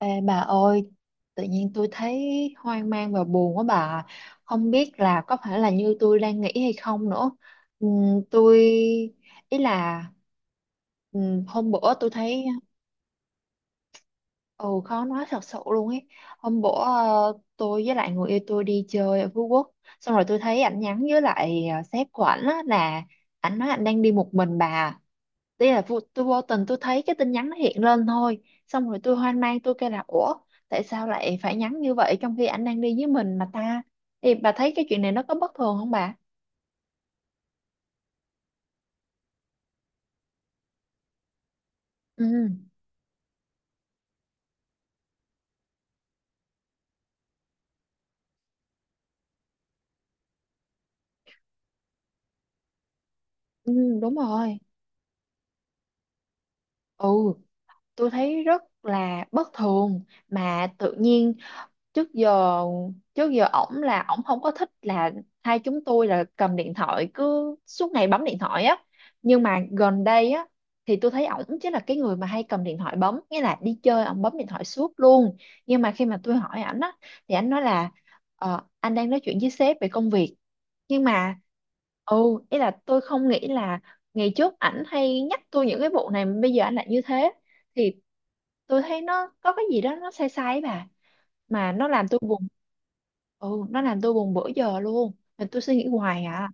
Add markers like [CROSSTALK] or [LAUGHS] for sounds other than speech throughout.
Ê, bà ơi, tự nhiên tôi thấy hoang mang và buồn quá bà. Không biết là có phải là như tôi đang nghĩ hay không nữa. Tôi ý là, hôm bữa tôi thấy... ừ, khó nói thật sự luôn ấy. Hôm bữa, tôi với lại người yêu tôi đi chơi ở Phú Quốc, xong rồi tôi thấy ảnh nhắn với lại, sếp của ảnh á, là ảnh nói ảnh đang đi một mình bà. Tôi vô tình tôi thấy cái tin nhắn nó hiện lên thôi, xong rồi tôi hoang mang, tôi kêu là ủa, tại sao lại phải nhắn như vậy trong khi ảnh đang đi với mình mà ta? Thì bà thấy cái chuyện này nó có bất thường không bà? Ừ. Ừ, đúng rồi. Ừ, tôi thấy rất là bất thường. Mà tự nhiên, trước giờ trước giờ ổng không có thích là hai chúng tôi là cầm điện thoại cứ suốt ngày bấm điện thoại á. Nhưng mà gần đây á thì tôi thấy ổng chính là cái người mà hay cầm điện thoại bấm, nghĩa là đi chơi ổng bấm điện thoại suốt luôn. Nhưng mà khi mà tôi hỏi ảnh á thì ảnh nói là, anh đang nói chuyện với sếp về công việc. Nhưng mà, ừ, ý là tôi không nghĩ là... ngày trước ảnh hay nhắc tôi những cái vụ này mà bây giờ ảnh lại như thế. Thì tôi thấy nó có cái gì đó nó sai sai ấy bà, mà nó làm tôi buồn. Ừ, nó làm tôi buồn bữa giờ luôn mà tôi suy nghĩ hoài à.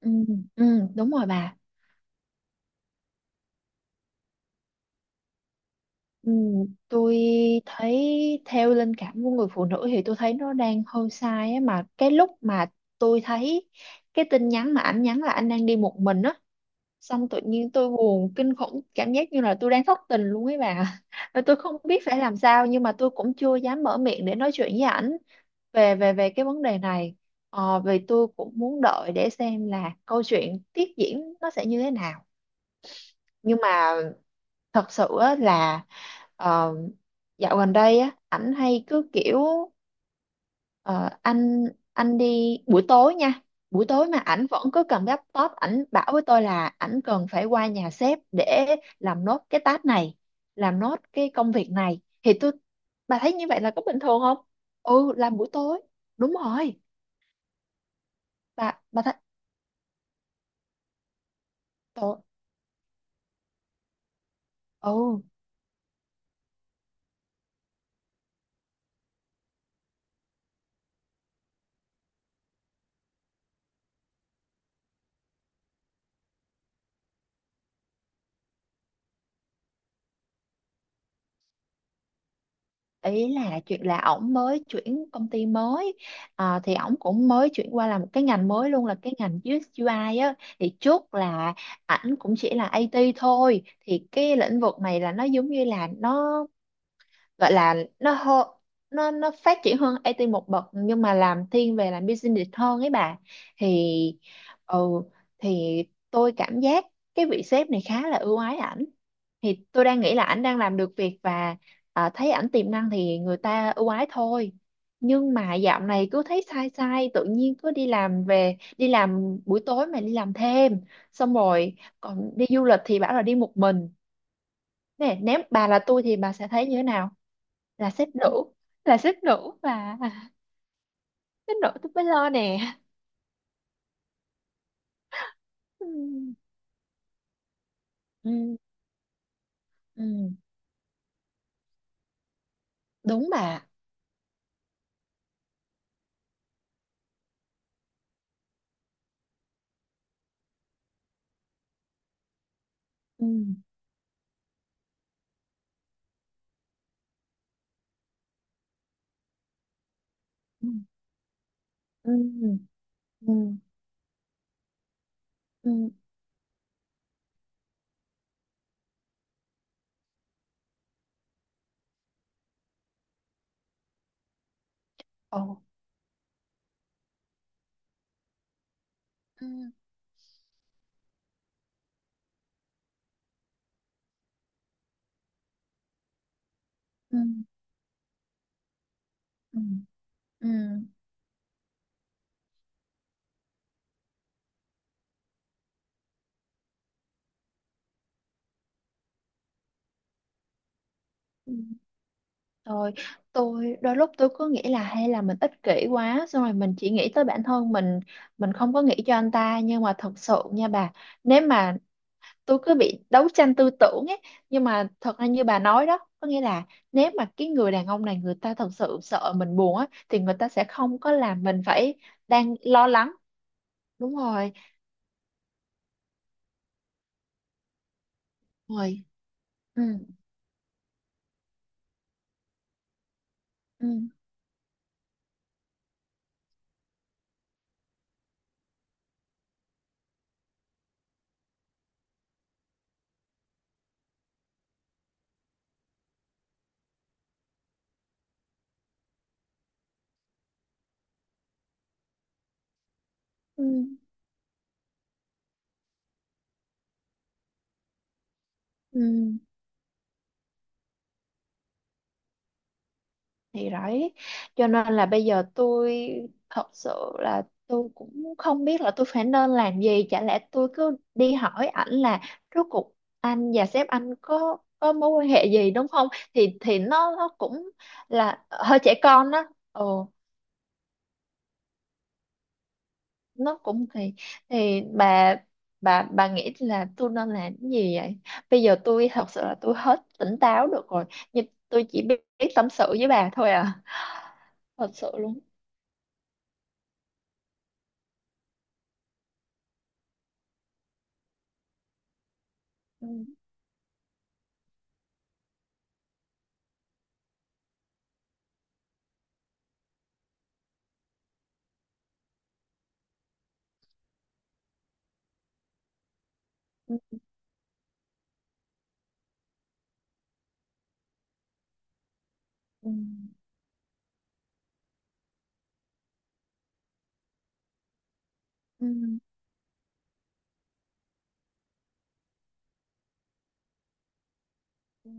Ừ, ừ, đúng rồi bà. Ừ, tôi thấy theo linh cảm của người phụ nữ thì tôi thấy nó đang hơi sai á. Mà cái lúc mà tôi thấy cái tin nhắn mà ảnh nhắn là anh đang đi một mình á, xong tự nhiên tôi buồn kinh khủng, cảm giác như là tôi đang thất tình luôn ấy bà [LAUGHS] và tôi không biết phải làm sao, nhưng mà tôi cũng chưa dám mở miệng để nói chuyện với ảnh về về về cái vấn đề này. Vì tôi cũng muốn đợi để xem là câu chuyện tiếp diễn nó sẽ như thế nào. Nhưng mà thật sự á, là, ờ, dạo gần đây á ảnh hay cứ kiểu, Ờ, anh anh đi buổi tối nha. Buổi tối mà ảnh vẫn cứ cầm laptop, ảnh bảo với tôi là ảnh cần phải qua nhà sếp để làm nốt cái task này, làm nốt cái công việc này. Thì tôi... bà thấy như vậy là có bình thường không? Ừ, làm buổi tối, đúng rồi. Bà thấy tôi... ừ, ý là chuyện là ổng mới chuyển công ty mới. Thì ổng cũng mới chuyển qua làm một cái ngành mới luôn, là cái ngành UX UI á. Thì trước là ảnh cũng chỉ là AT thôi. Thì cái lĩnh vực này là nó giống như là nó gọi là nó hô, nó phát triển hơn IT một bậc, nhưng mà làm thiên về làm business hơn ấy bà. Thì, ừ, thì tôi cảm giác cái vị sếp này khá là ưu ái ảnh. Thì tôi đang nghĩ là ảnh đang làm được việc và, à, thấy ảnh tiềm năng thì người ta ưu ái thôi. Nhưng mà dạo này cứ thấy sai sai, tự nhiên cứ đi làm về, đi làm buổi tối mà đi làm thêm, xong rồi còn đi du lịch thì bảo là đi một mình. Nè, nếu bà là tôi thì bà sẽ thấy như thế nào? Là xếp đủ. Là xếp đủ và [LAUGHS] xếp đủ tôi mới lo nè. Ừ, ừ, ừ. Đúng bà. Ừ, ừ, ừ, ừ, ừ. Ồ. Ừ, ừ, ừ, ừ, ừ. Rồi, tôi đôi lúc tôi cứ nghĩ là hay là mình ích kỷ quá, xong rồi mình chỉ nghĩ tới bản thân mình không có nghĩ cho anh ta, nhưng mà thật sự nha bà, nếu mà... tôi cứ bị đấu tranh tư tưởng ấy. Nhưng mà thật ra như bà nói đó, có nghĩa là nếu mà cái người đàn ông này người ta thật sự sợ mình buồn á thì người ta sẽ không có làm mình phải đang lo lắng. Đúng rồi. Rồi. Ừ. Ừ. Ừ. Ừ. Thì đấy, cho nên là bây giờ tôi... thật sự là tôi cũng không biết là tôi phải nên làm gì. Chả lẽ tôi cứ đi hỏi ảnh là, rốt cuộc anh và sếp anh có mối quan hệ gì, đúng không? Thì thì nó cũng... là hơi trẻ con đó. Ồ, nó cũng kỳ. Thì bà, bà nghĩ là tôi nên làm cái gì vậy? Bây giờ tôi thật sự là tôi hết tỉnh táo được rồi, nhưng tôi chỉ biết biết tâm sự với bà thôi à, thật sự luôn. Ừ. Ừ. Ừ. Ừ. Ừ.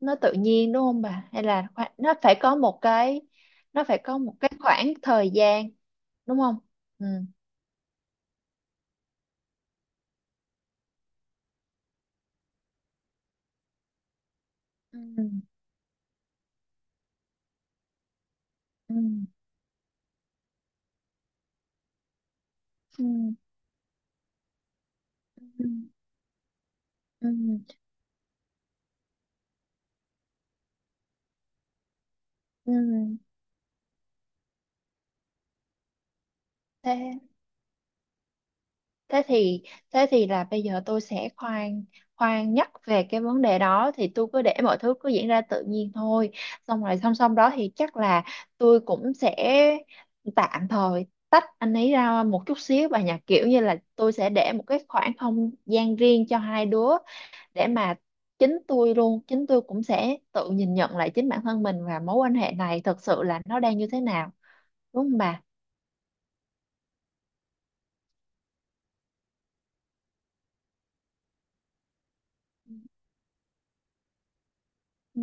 Nó tự nhiên đúng không bà? Hay là nó phải có một cái khoảng thời gian, đúng không? Ừ. Ừ. Ừ. Ừ. Ừ. Ừ. Ừ. Ừ. Thế, thế thì thế thì là bây giờ tôi sẽ khoan khoan nhắc về cái vấn đề đó. Thì tôi cứ để mọi thứ cứ diễn ra tự nhiên thôi, xong rồi song song đó thì chắc là tôi cũng sẽ tạm thời tách anh ấy ra một chút xíu và nhà, kiểu như là tôi sẽ để một cái khoảng không gian riêng cho hai đứa, để mà chính tôi cũng sẽ tự nhìn nhận lại chính bản thân mình và mối quan hệ này thật sự là nó đang như thế nào, đúng không bà? Ừ.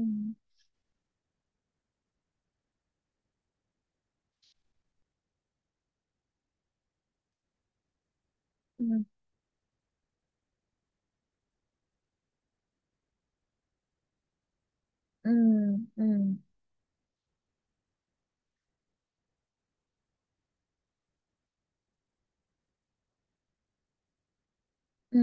Ừ. Ừ, ừ, ừ,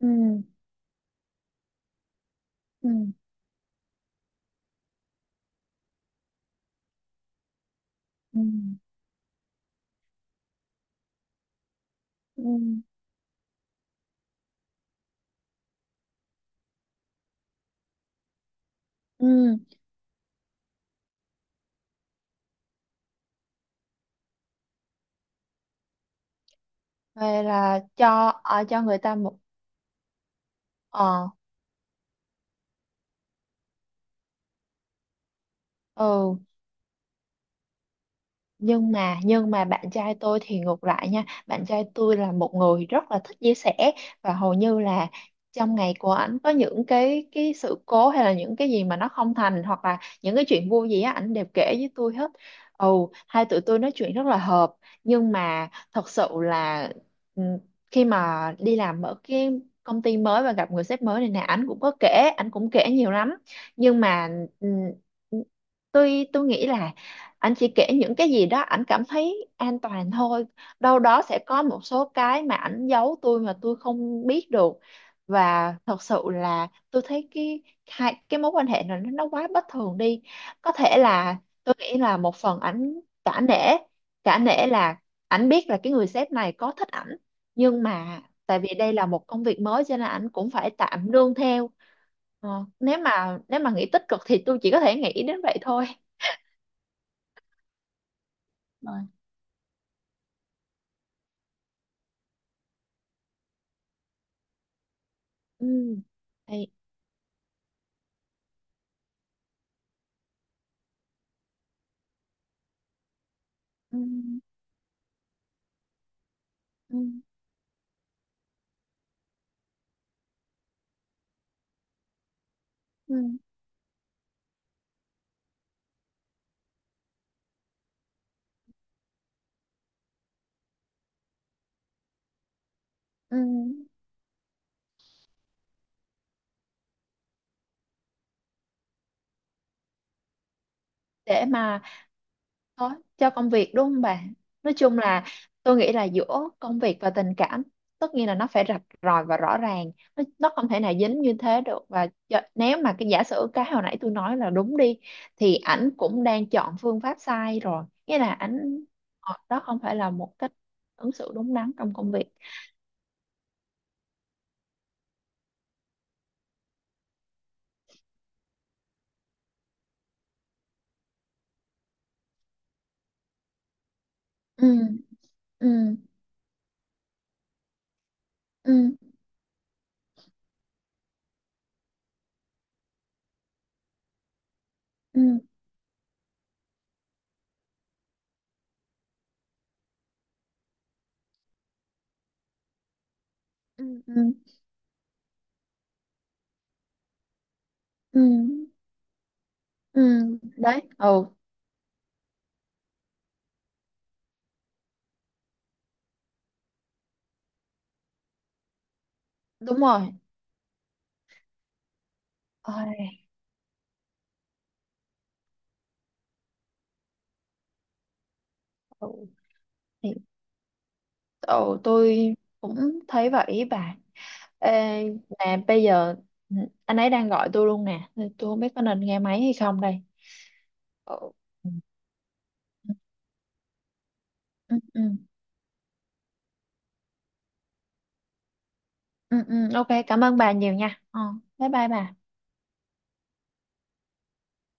ừ, ừ, ừ, ừ, ừ. Vậy là cho, cho người ta một... ờ ừ. Nhưng mà bạn trai tôi thì ngược lại nha, bạn trai tôi là một người rất là thích chia sẻ. Và hầu như là trong ngày của ảnh có những cái sự cố hay là những cái gì mà nó không thành, hoặc là những cái chuyện vui gì á, ảnh đều kể với tôi hết. Ồ, hai tụi tôi nói chuyện rất là hợp. Nhưng mà thật sự là, ừ, khi mà đi làm ở cái công ty mới và gặp người sếp mới này nè, ảnh cũng có kể, ảnh cũng kể nhiều lắm. Nhưng mà, ừ, tôi nghĩ là anh chỉ kể những cái gì đó ảnh cảm thấy an toàn thôi. Đâu đó sẽ có một số cái mà ảnh giấu tôi mà tôi không biết được. Và thật sự là tôi thấy cái... hai cái mối quan hệ này nó quá bất thường đi. Có thể là, tôi nghĩ là một phần ảnh cả nể. Cả nể là ảnh biết là cái người sếp này có thích ảnh, nhưng mà tại vì đây là một công việc mới cho nên ảnh cũng phải tạm nương theo. Ờ, nếu mà nghĩ tích cực thì tôi chỉ có thể nghĩ đến vậy thôi. Ừ. Thì, ừ, ừ, ừ, ừ. Để mà có cho công việc, đúng không bà? Nói chung là tôi nghĩ là giữa công việc và tình cảm, tất nhiên là nó phải rạch ròi và rõ ràng. Nó không thể nào dính như thế được. Và nếu mà cái giả sử cái hồi nãy tôi nói là đúng đi, thì ảnh cũng đang chọn phương pháp sai rồi, nghĩa là ảnh, đó không phải là một cách ứng xử đúng đắn trong công việc. Ừ. Ừ. Ừ. Ừ. Ừ. Ừ. Ừ. Ừ, đấy, ừ, đúng rồi. Ôi, ừ, thì, ừ, tôi cũng thấy vậy bà. Ê, nè, bây giờ anh ấy đang gọi tôi luôn nè, nên tôi không biết có nên nghe máy hay không đây. Ừ, ừ, ừ, ừ, ừ, ừ, ok, cảm ơn bà nhiều nha. Ờ, bye bye bà.